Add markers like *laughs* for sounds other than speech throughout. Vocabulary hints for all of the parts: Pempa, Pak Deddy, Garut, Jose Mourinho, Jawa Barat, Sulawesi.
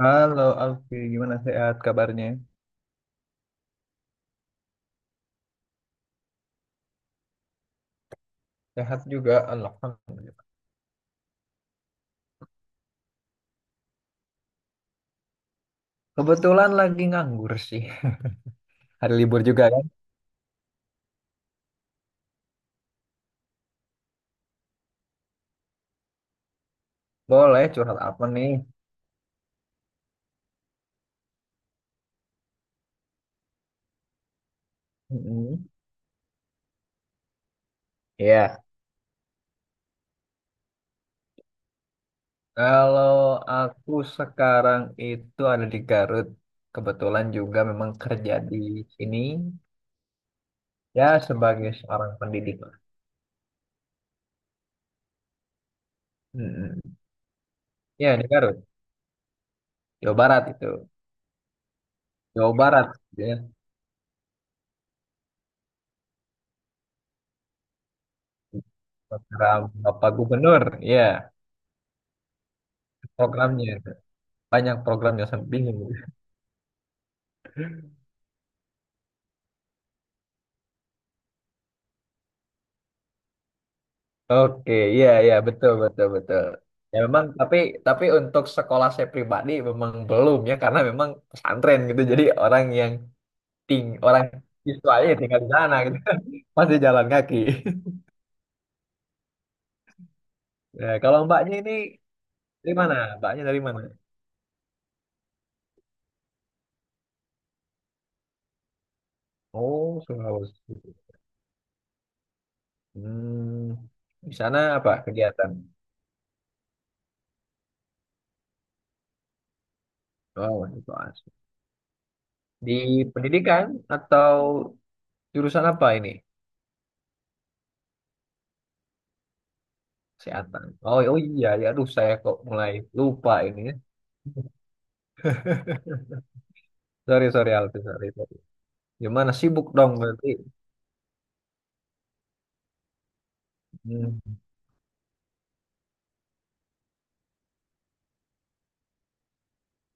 Halo Alfi, gimana sehat kabarnya? Sehat juga, alhamdulillah. Kebetulan lagi nganggur sih. *laughs* Hari libur juga kan? Boleh curhat apa nih? Mm-mm. Ya, kalau aku sekarang itu ada di Garut. Kebetulan juga memang kerja di sini. Ya, sebagai seorang pendidik lah. Mm-mm. Ya, di Garut. Jawa Barat itu. Jawa Barat. Ya. Program Bapak Gubernur. Ya, programnya itu. Banyak programnya. Sampai bingung. Oke, iya iya, betul betul betul. Ya memang, tapi untuk sekolah saya pribadi memang belum ya, karena memang pesantren gitu. Jadi orang yang ting orang siswanya ya tinggal di sana gitu. *laughs* Masih jalan kaki. *laughs* Ya, kalau mbaknya ini dari mana? Mbaknya dari mana? Oh, Sulawesi. Hmm, di sana apa kegiatan? Oh, Sulawesi. Di pendidikan atau jurusan apa ini? Kesehatan. Oh, oh iya, ya aduh saya kok mulai lupa ini. Sorry, sorry, Alfi, sorry, sorry. Gimana, sibuk dong berarti? Hmm.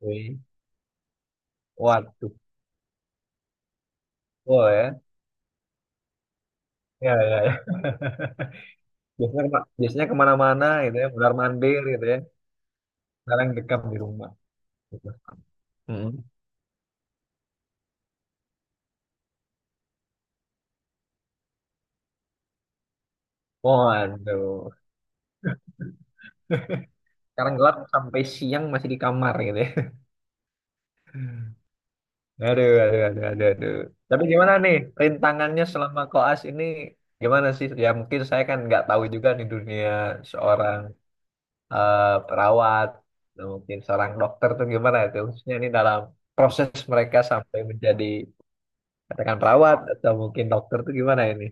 Oke. Waduh, oh ya, ya, ya, ya. *laughs* Biasanya, biasanya kemana-mana gitu ya, benar mandir gitu ya. Sekarang dekam di rumah. Gitu. Hmm. Waduh, sekarang gelap sampai siang masih di kamar gitu ya. *laughs* Aduh, aduh, aduh, aduh, aduh. Tapi gimana nih rintangannya selama koas ini? Gimana sih? Ya mungkin saya kan nggak tahu juga di dunia seorang perawat, atau mungkin seorang dokter tuh gimana itu, khususnya ini dalam proses mereka sampai menjadi katakan perawat atau mungkin dokter tuh gimana ini?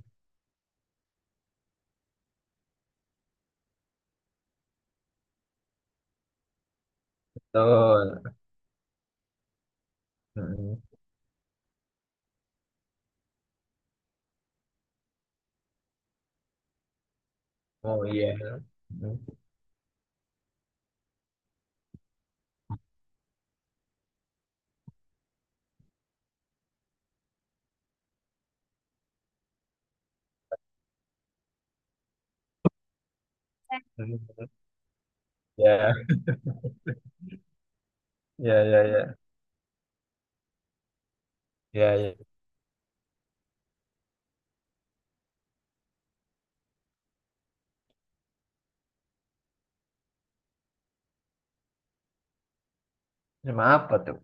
Betul. Mm-mm. Oh iya. Mm. Ya, ya, ya, ya, ya, ya. Sama apa tuh?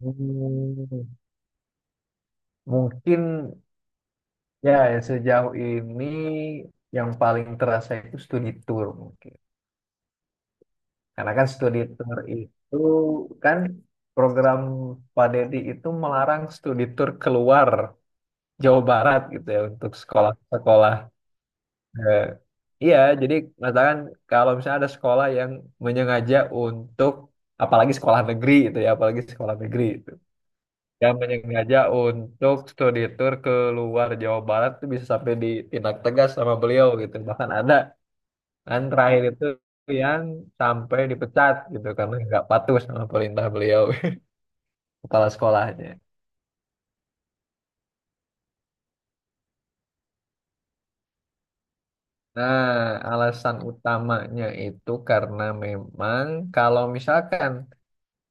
Hmm, mungkin ya, ya, sejauh ini yang paling terasa itu studi tour mungkin. Karena kan studi tour itu kan program Pak Deddy itu melarang studi tour keluar Jawa Barat gitu ya untuk sekolah-sekolah. Eh, iya, jadi katakan kalau misalnya ada sekolah yang menyengaja untuk, apalagi sekolah negeri itu ya, apalagi sekolah negeri itu yang menyengaja untuk studi tour keluar Jawa Barat, itu bisa sampai ditindak tegas sama beliau gitu. Bahkan ada dan terakhir itu yang sampai dipecat gitu karena nggak patuh sama perintah beliau, *laughs* kepala sekolahnya. Nah, alasan utamanya itu karena memang kalau misalkan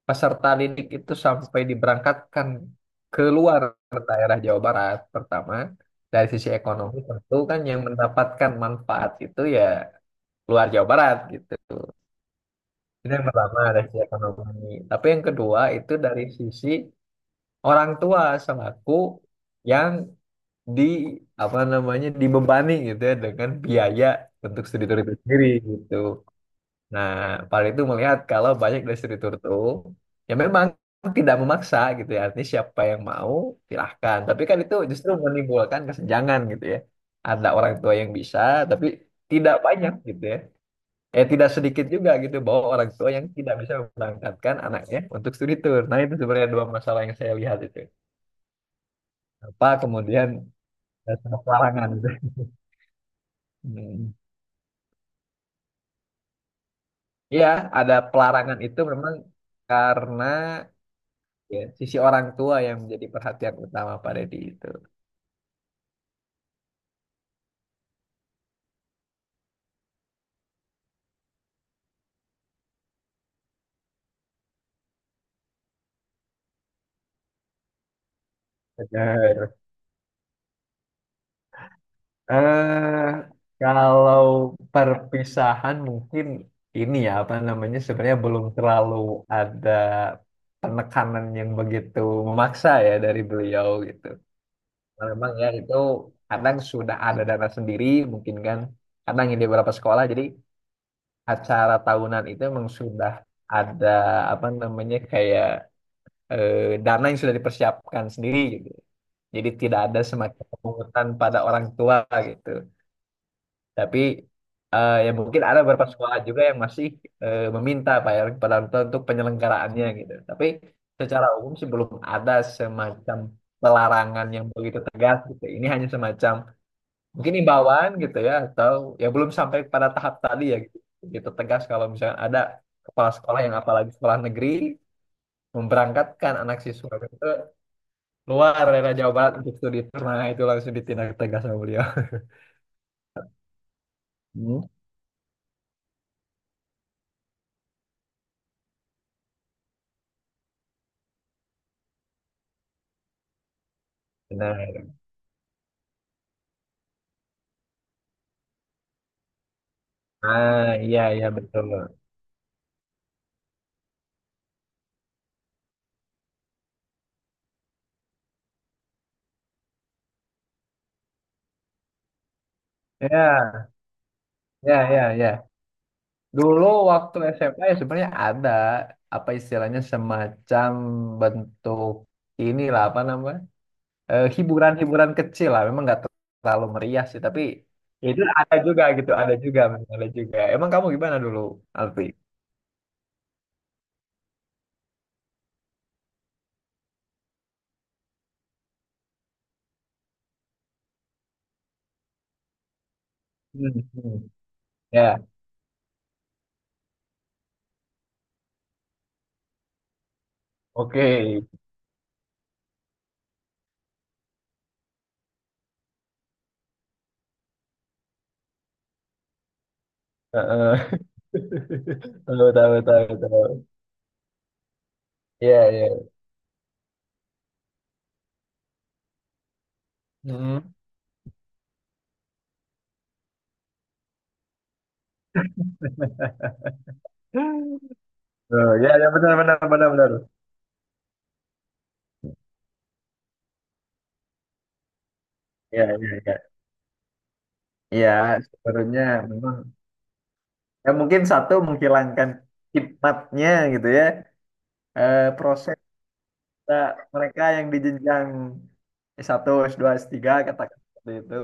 peserta didik itu sampai diberangkatkan keluar daerah Jawa Barat, pertama dari sisi ekonomi tentu kan yang mendapatkan manfaat itu ya luar Jawa Barat gitu. Itu yang pertama dari sisi ekonomi. Tapi yang kedua itu dari sisi orang tua selaku yang di apa namanya, dibebani gitu ya dengan biaya untuk studi tur itu sendiri gitu. Nah, paling itu melihat kalau banyak dari studi tur itu ya memang tidak memaksa gitu ya. Artinya siapa yang mau silahkan. Tapi kan itu justru menimbulkan kesenjangan gitu ya. Ada orang tua yang bisa tapi tidak banyak gitu ya. Eh, tidak sedikit juga gitu bahwa orang tua yang tidak bisa memberangkatkan anaknya untuk studi tur. Nah, itu sebenarnya dua masalah yang saya lihat itu apa kemudian ada pelarangan gitu. Hmm. Iya, ada pelarangan itu memang karena ya, sisi orang tua yang menjadi perhatian utama Pak Deddy itu. Benar. Eh, Kalau perpisahan mungkin ini ya apa namanya, sebenarnya belum terlalu ada penekanan yang begitu memaksa ya dari beliau gitu. Nah, memang ya itu kadang sudah ada dana sendiri mungkin kan, kadang ini beberapa sekolah jadi acara tahunan itu memang sudah ada apa namanya, kayak dana yang sudah dipersiapkan sendiri gitu. Jadi tidak ada semacam pungutan pada orang tua gitu. Tapi ya mungkin ada beberapa sekolah juga yang masih meminta Pak ya kepada orang tua untuk penyelenggaraannya gitu. Tapi secara umum sih belum ada semacam pelarangan yang begitu tegas gitu. Ini hanya semacam mungkin imbauan gitu ya, atau ya belum sampai pada tahap tadi ya gitu, gitu tegas kalau misalnya ada kepala sekolah yang apalagi sekolah negeri memberangkatkan anak siswa itu luar daerah Jawa Barat untuk studi tour, nah itu langsung ditindak tegas sama beliau. Hmm. Benar. Ah iya iya, betul. Ya ya ya, ya dulu waktu SMA ya sebenarnya ada apa istilahnya, semacam bentuk inilah apa namanya, hiburan-hiburan kecil lah, memang nggak terlalu meriah sih, tapi ya itu ada juga gitu, ada juga memang, ada juga. Emang kamu gimana dulu, Alfi? Hmm, hmm. Ya. Oke. Heeh. *laughs* Tahu tahu tahu tahu. Ya ya. Hmm. Oh, ya ya, benar benar benar benar. Ya ya ya, ya sebenarnya memang ya mungkin satu, menghilangkan khidmatnya gitu ya. Eh, proses, nah, mereka yang di jenjang S1, S2, S3, katakan seperti itu.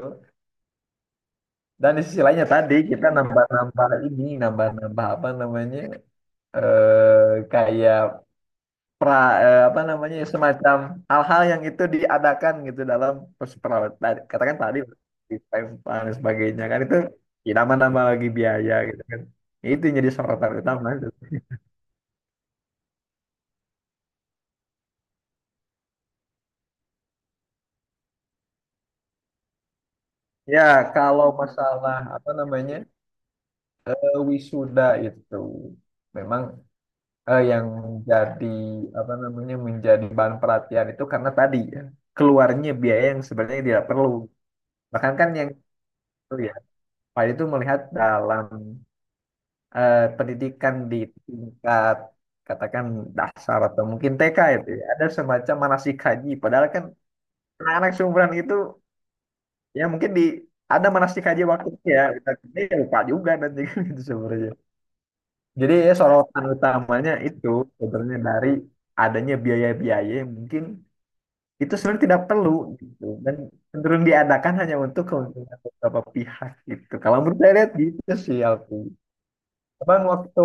Dan di sisi lainnya tadi kita nambah-nambah ini, nambah-nambah apa namanya? eh Kayak pra, apa namanya? Semacam hal-hal yang itu diadakan gitu dalam perseperawatan katakan tadi, di Pempa dan sebagainya kan, itu ya, nambah-nambah lagi biaya gitu kan. Itu yang jadi sorotan utama itu. Ya, kalau masalah apa namanya? Wisuda itu memang yang jadi apa namanya, menjadi bahan perhatian itu karena tadi ya, keluarnya biaya yang sebenarnya tidak perlu. Bahkan kan yang itu ya, Pak itu melihat dalam pendidikan di tingkat katakan dasar atau mungkin TK itu ya, ada semacam manasik haji. Padahal kan anak-anak seumuran itu ya mungkin di, ada manasik haji waktunya ya, kita ini ya lupa juga dan juga *laughs* gitu sebenarnya. Jadi ya sorotan utamanya itu sebenarnya dari adanya biaya-biaya yang mungkin itu sebenarnya tidak perlu gitu, dan cenderung diadakan hanya untuk keuntungan beberapa pihak gitu, kalau menurut saya lihat gitu sih Alfi. Cuman waktu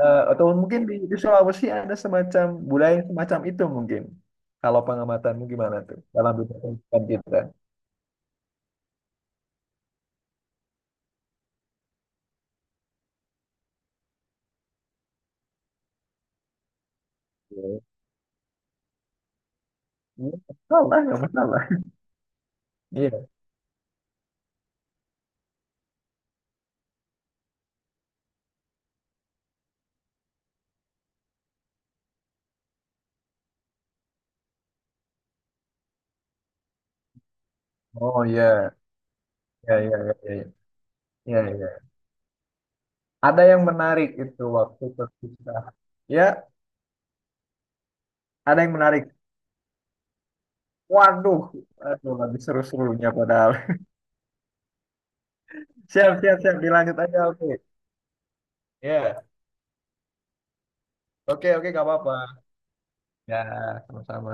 atau mungkin di Sulawesi ada semacam budaya yang semacam itu mungkin, kalau pengamatanmu gimana tuh dalam dunia pendidikan kita. Iya. Iya, nggak masalah, nggak masalah. Iya. Oh iya iya iya iya, iya iya iya. Iya. Ada yang menarik itu waktu perpisahan ya, ada yang menarik. Waduh, aduh, lagi seru-serunya padahal. Siap, siap, siap. Dilanjut aja. Oke. Ya. Oke, oke, nggak apa-apa. Ya, sama-sama.